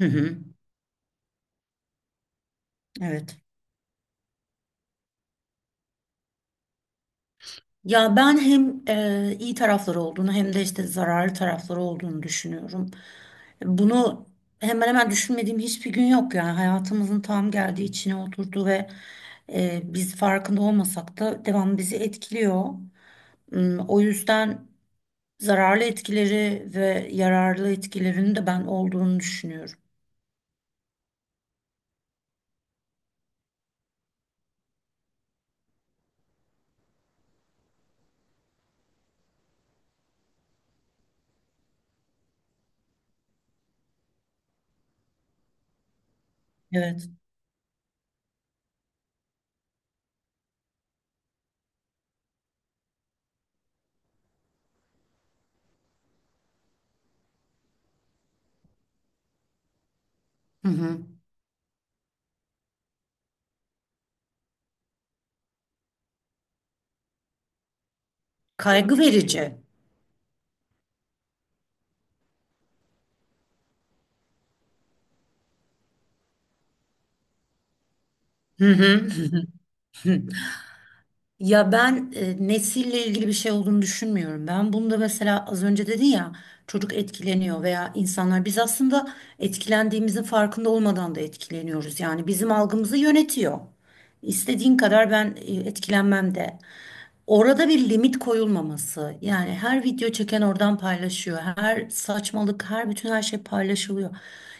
Hı hı, evet. Ya ben hem iyi tarafları olduğunu hem de işte zararlı tarafları olduğunu düşünüyorum. Bunu hemen hemen düşünmediğim hiçbir gün yok, yani hayatımızın tam geldiği içine oturdu ve biz farkında olmasak da devamlı bizi etkiliyor. Hmm, o yüzden zararlı etkileri ve yararlı etkilerinin de ben olduğunu düşünüyorum. Evet. Hı hı. Kaygı verici. Hı hı. Ya ben nesille ilgili bir şey olduğunu düşünmüyorum. Ben bunu da, mesela az önce dedin ya, çocuk etkileniyor veya insanlar, biz aslında etkilendiğimizin farkında olmadan da etkileniyoruz. Yani bizim algımızı yönetiyor. İstediğin kadar ben etkilenmem de. Orada bir limit koyulmaması. Yani her video çeken oradan paylaşıyor. Her saçmalık, her bütün her şey paylaşılıyor.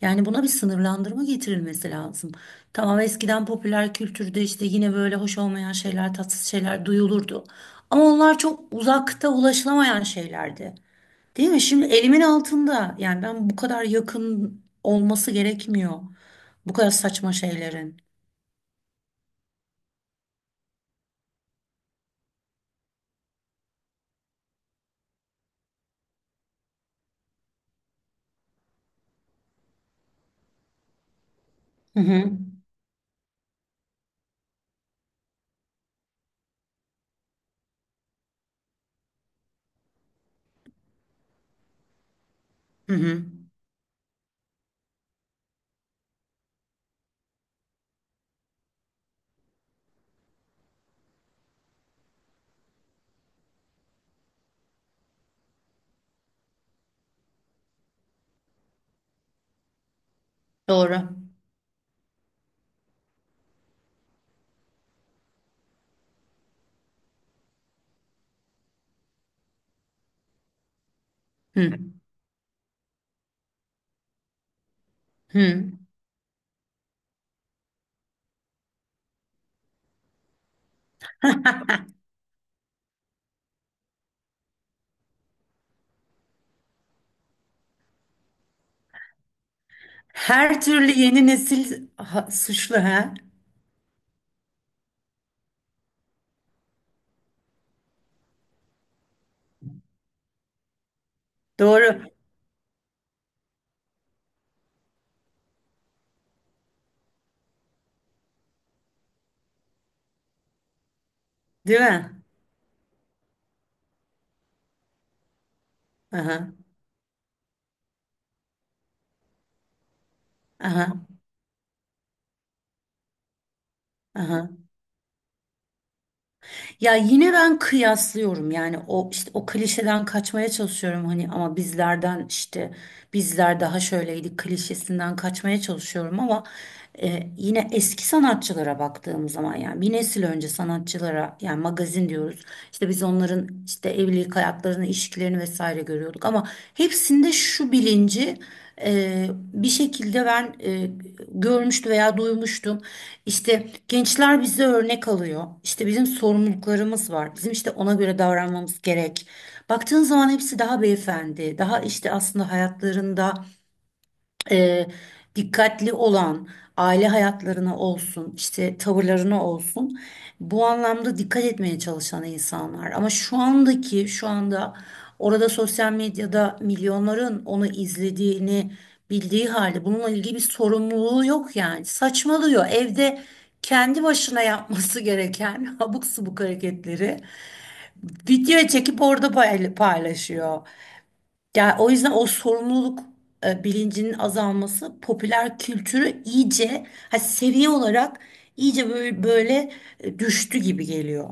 Yani buna bir sınırlandırma getirilmesi lazım. Tamam, eskiden popüler kültürde işte yine böyle hoş olmayan şeyler, tatsız şeyler duyulurdu. Ama onlar çok uzakta, ulaşılamayan şeylerdi. Değil mi? Şimdi elimin altında. Yani ben bu kadar yakın olması gerekmiyor. Bu kadar saçma şeylerin. Hı hı. Hı hı. Doğru. Hı hı. Her türlü yeni nesil suçlu ha? Doğru, değil mi? Aha, aha, aha. Ya yine ben kıyaslıyorum, yani o işte o klişeden kaçmaya çalışıyorum hani, ama bizlerden işte bizler daha şöyleydik klişesinden kaçmaya çalışıyorum, ama yine eski sanatçılara baktığım zaman, yani bir nesil önce sanatçılara, yani magazin diyoruz işte, biz onların işte evlilik hayatlarını, ilişkilerini vesaire görüyorduk, ama hepsinde şu bilinci Ee, bir şekilde ben görmüştüm veya duymuştum. İşte gençler bize örnek alıyor. İşte bizim sorumluluklarımız var. Bizim işte ona göre davranmamız gerek. Baktığın zaman hepsi daha beyefendi, daha işte aslında hayatlarında e, dikkatli olan, aile hayatlarına olsun, işte tavırlarına olsun. Bu anlamda dikkat etmeye çalışan insanlar. Ama şu andaki, şu anda orada sosyal medyada milyonların onu izlediğini bildiği halde bununla ilgili bir sorumluluğu yok yani. Saçmalıyor. Evde kendi başına yapması gereken abuk subuk hareketleri video çekip orada paylaşıyor. Yani o yüzden o sorumluluk bilincinin azalması popüler kültürü iyice, ha, seviye olarak iyice böyle, böyle düştü gibi geliyor.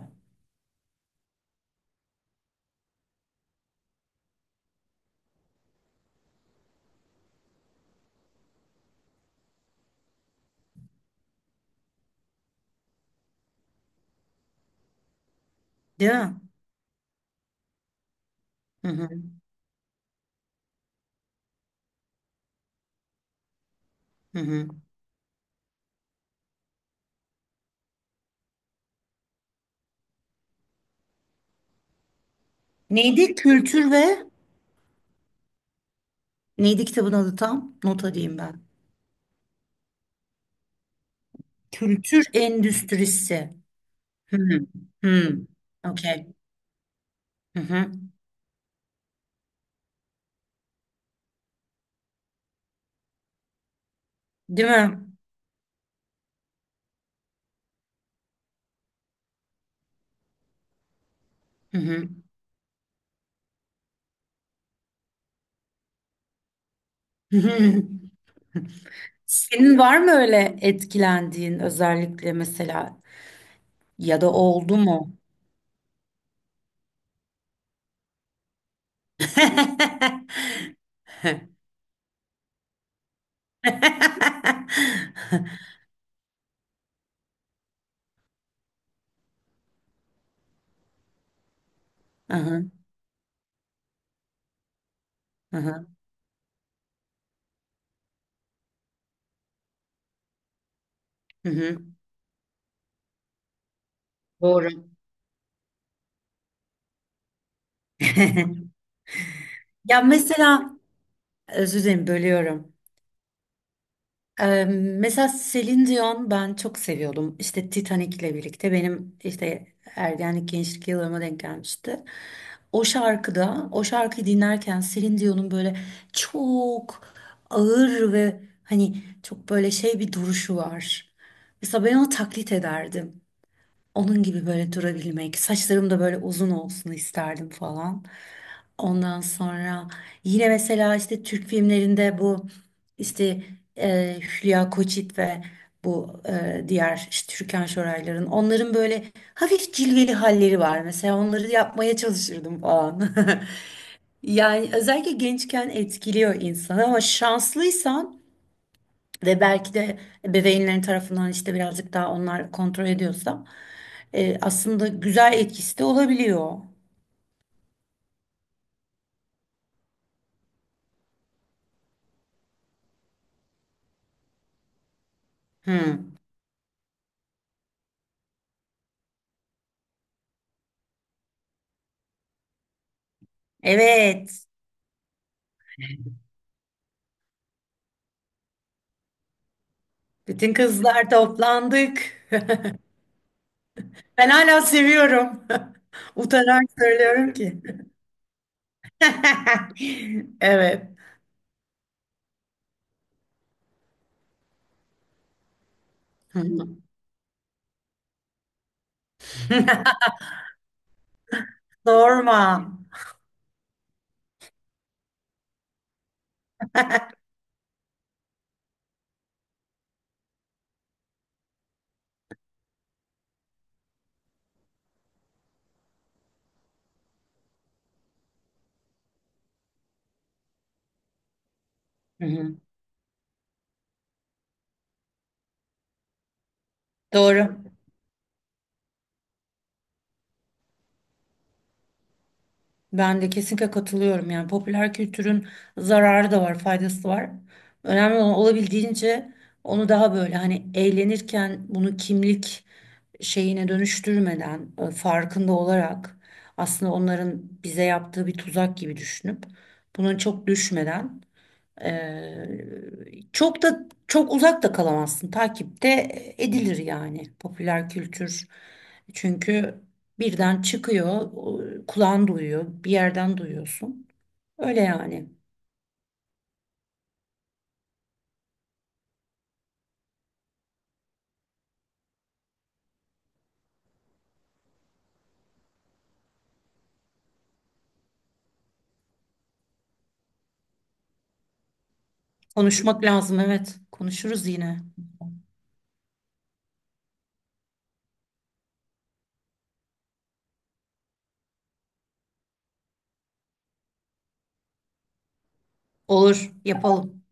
Değil mi? Hı hı, hı hı. Neydi kültür ve kitabın adı tam? Not alayım ben. Kültür endüstrisi. Hı hı. Hı. Okey. Hı hı. Değil mi? Hı hı. Hı hı. Senin var mı öyle etkilendiğin, özellikle mesela, ya da oldu mu? Aha, aha, hı hı. Doğru. Ya mesela, özür dilerim bölüyorum. Ee, mesela Celine Dion ben çok seviyordum. İşte Titanic'le birlikte benim işte ergenlik gençlik yıllarıma denk gelmişti. O şarkıda, o şarkıyı dinlerken Celine Dion'un böyle çok ağır ve hani çok böyle şey bir duruşu var. Mesela ben onu taklit ederdim. Onun gibi böyle durabilmek, saçlarım da böyle uzun olsun isterdim falan. Ondan sonra yine mesela işte Türk filmlerinde bu işte Hülya Koçit ve bu diğer işte Türkan Şorayların, onların böyle hafif cilveli halleri var. Mesela onları yapmaya çalışırdım falan. Yani özellikle gençken etkiliyor insanı, ama şanslıysan ve belki de ebeveynlerin tarafından işte birazcık daha onlar kontrol ediyorsa aslında güzel etkisi de olabiliyor. Hmm. Evet. Bütün kızlar toplandık. Ben hala seviyorum. Utanarak söylüyorum ki. Evet. Hı hı. Sorma. Hı hı. Doğru. Ben de kesinlikle katılıyorum. Yani popüler kültürün zararı da var, faydası da var. Önemli olan olabildiğince onu daha böyle hani eğlenirken bunu kimlik şeyine dönüştürmeden, farkında olarak aslında onların bize yaptığı bir tuzak gibi düşünüp buna çok düşmeden, ee, çok da çok uzak da kalamazsın. Takipte edilir yani popüler kültür. Çünkü birden çıkıyor, kulağın duyuyor, bir yerden duyuyorsun. Öyle yani. Konuşmak lazım, evet. Konuşuruz yine. Olur, yapalım.